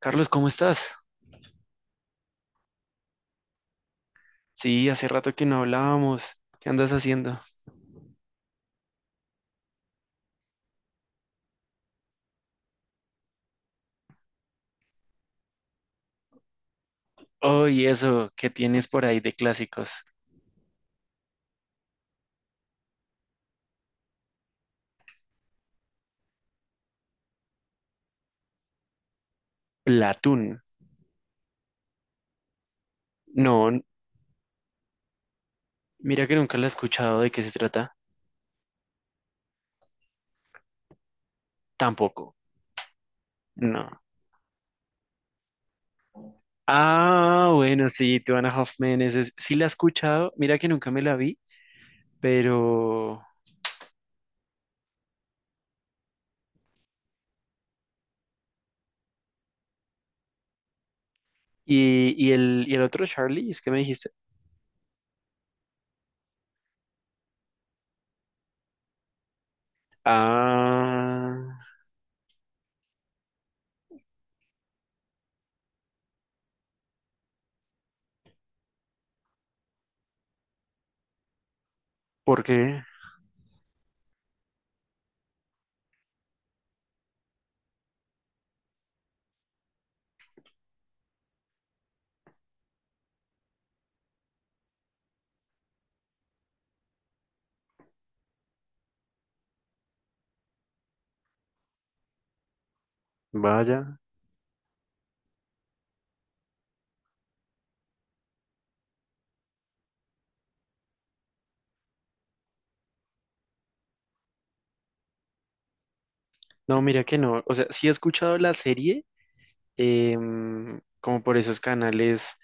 Carlos, ¿cómo estás? Sí, hace rato que no hablábamos. ¿Qué andas haciendo? Oh, y eso, ¿qué tienes por ahí de clásicos? Platón. No, mira que nunca la he escuchado. ¿De qué se trata? Tampoco. No. Ah, bueno, sí, Tuana Hoffman, sí la he escuchado. Mira que nunca me la vi, pero... ¿Y el otro Charlie? ¿Es que me dijiste? Ah, ¿por qué? Vaya. No, mira que no. O sea, sí he escuchado la serie, como por esos canales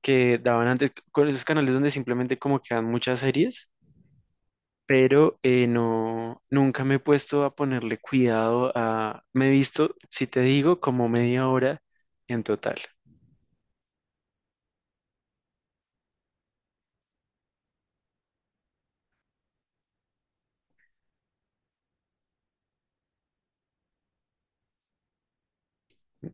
que daban antes, con esos canales donde simplemente como que dan muchas series, pero no, nunca me he puesto a ponerle cuidado a, me he visto, si te digo, como media hora en total,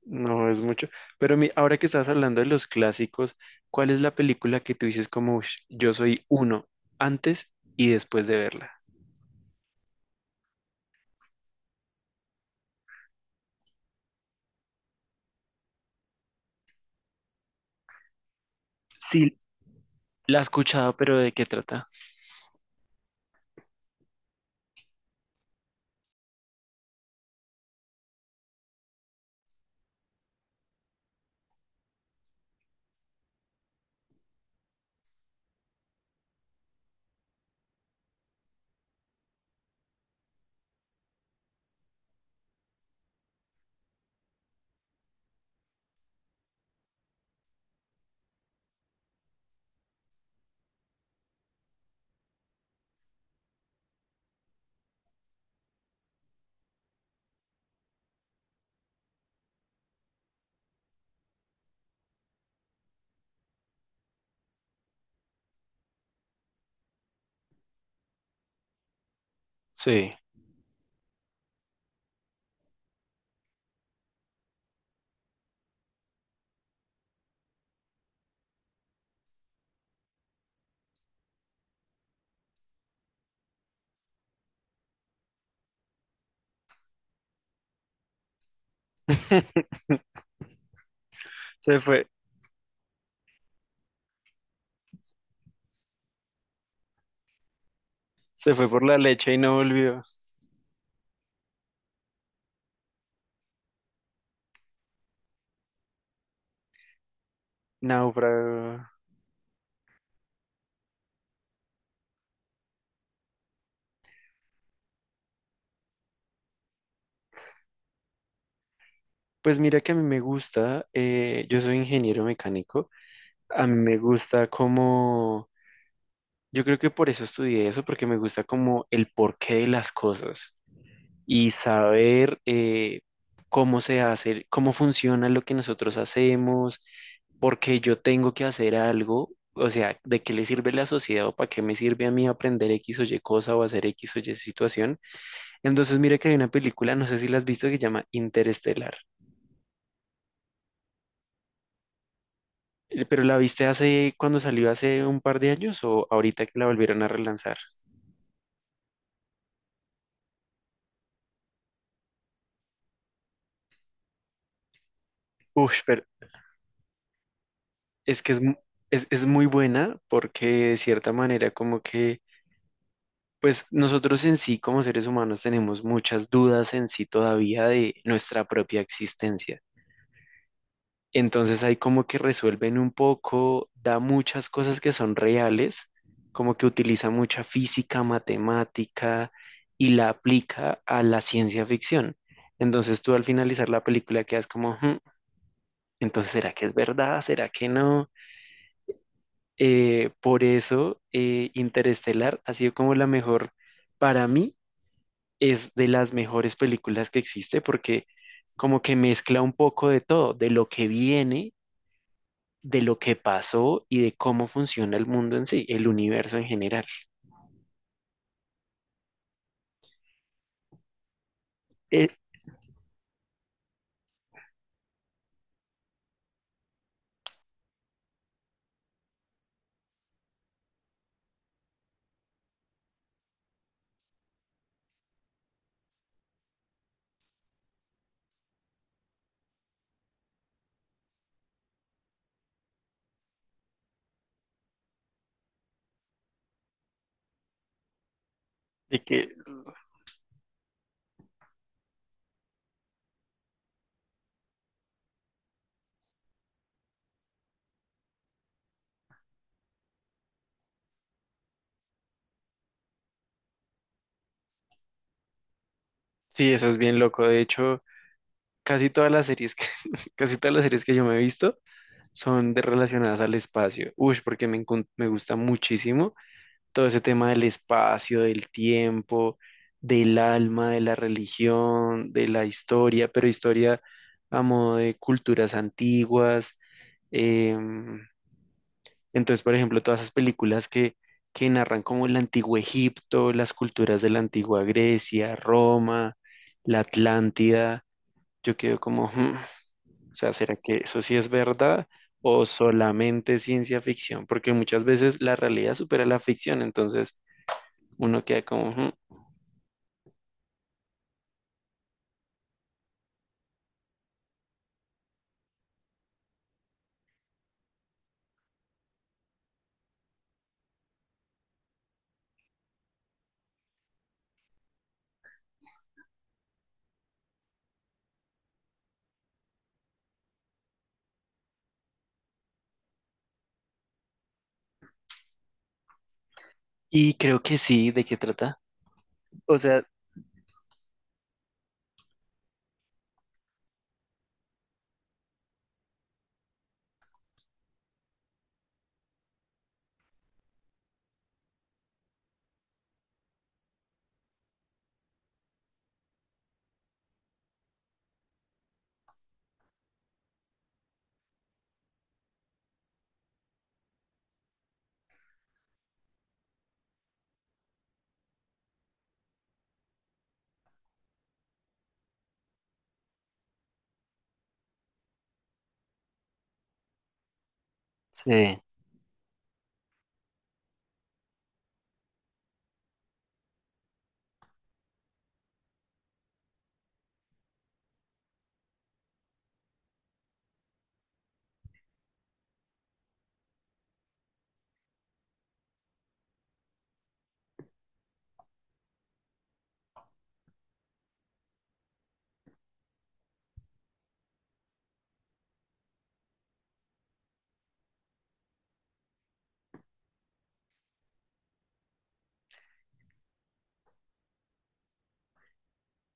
no es mucho, pero ahora que estabas hablando de los clásicos, ¿cuál es la película que tú dices como "Ush, yo soy uno antes y después de verla"? Sí, la he escuchado, pero ¿de qué trata? Sí. Se fue, se fue por la leche y no volvió. Náufrago. Pues mira que a mí me gusta, yo soy ingeniero mecánico, a mí me gusta como, yo creo que por eso estudié eso, porque me gusta como el porqué de las cosas y saber cómo se hace, cómo funciona lo que nosotros hacemos, por qué yo tengo que hacer algo, o sea, de qué le sirve la sociedad o para qué me sirve a mí aprender X o Y cosa o hacer X o Y situación. Entonces, mira que hay una película, no sé si la has visto, que se llama Interestelar. ¿Pero la viste hace cuando salió hace un par de años o ahorita que la volvieron a relanzar? Uf, pero es que es muy buena porque de cierta manera como que, pues nosotros en sí como seres humanos tenemos muchas dudas en sí todavía de nuestra propia existencia. Entonces ahí como que resuelven un poco, da muchas cosas que son reales, como que utiliza mucha física, matemática y la aplica a la ciencia ficción. Entonces tú al finalizar la película quedas como, "Hmm, entonces ¿será que es verdad? ¿Será que no?" Por eso Interestelar ha sido como la mejor, para mí es de las mejores películas que existe porque como que mezcla un poco de todo, de lo que viene, de lo que pasó y de cómo funciona el mundo en sí, el universo en general. Eh, de que sí, eso es bien loco. De hecho, casi todas las series que, casi todas las series que yo me he visto son de relacionadas al espacio. Uy, porque me gusta muchísimo todo ese tema del espacio, del tiempo, del alma, de la religión, de la historia, pero historia a modo de culturas antiguas. em, Entonces, por ejemplo, todas esas películas que narran como el antiguo Egipto, las culturas de la antigua Grecia, Roma, la Atlántida, yo quedo como, "Hmm, o sea, ¿será que eso sí es verdad o solamente ciencia ficción?" Porque muchas veces la realidad supera la ficción, entonces uno queda como, "Hmm". Y creo que sí, ¿de qué trata? O sea, sí,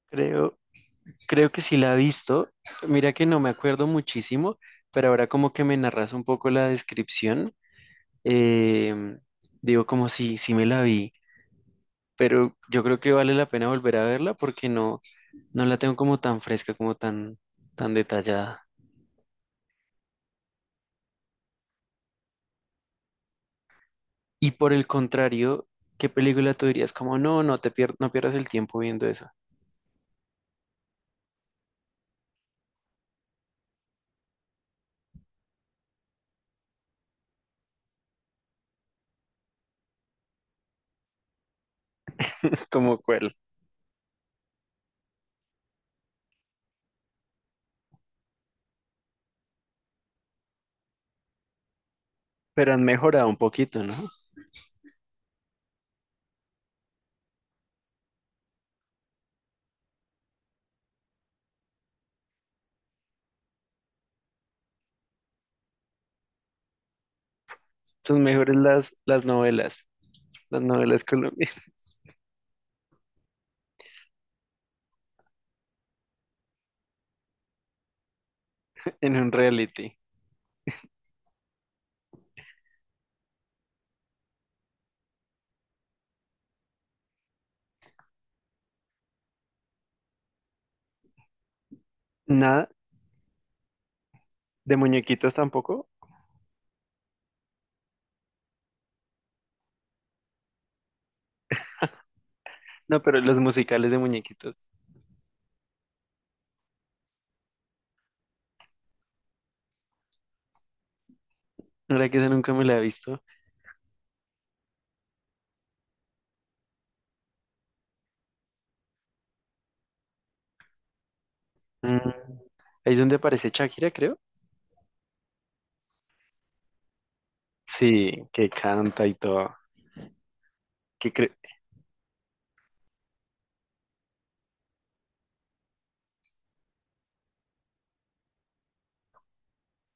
creo, creo que sí la he visto. Mira que no me acuerdo muchísimo, pero ahora como que me narras un poco la descripción. Eh, digo, como si me la vi, pero yo creo que vale la pena volver a verla porque no la tengo como tan fresca, tan detallada. Y por el contrario, ¿qué película tú dirías? Como, no, no pierdas el tiempo viendo eso. Como cuál. Pero han mejorado un poquito, ¿no? Son mejores las novelas, las novelas colombianas, en un reality. Nada, de muñequitos tampoco. No, pero los musicales de muñequitos. La verdad que esa nunca me la he visto. Mm, ahí es donde aparece Shakira, creo. Sí, que canta y todo. Que cre-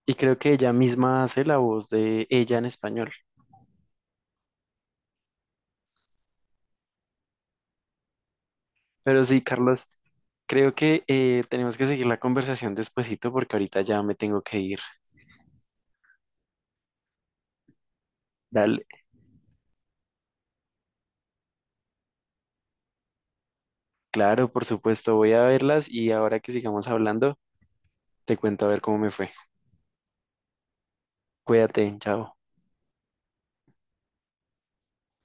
y creo que ella misma hace la voz de ella en español. Pero sí, Carlos, creo que tenemos que seguir la conversación despuesito porque ahorita ya me tengo que ir. Dale, claro, por supuesto, voy a verlas y ahora que sigamos hablando, te cuento a ver cómo me fue. Cuídate, chao.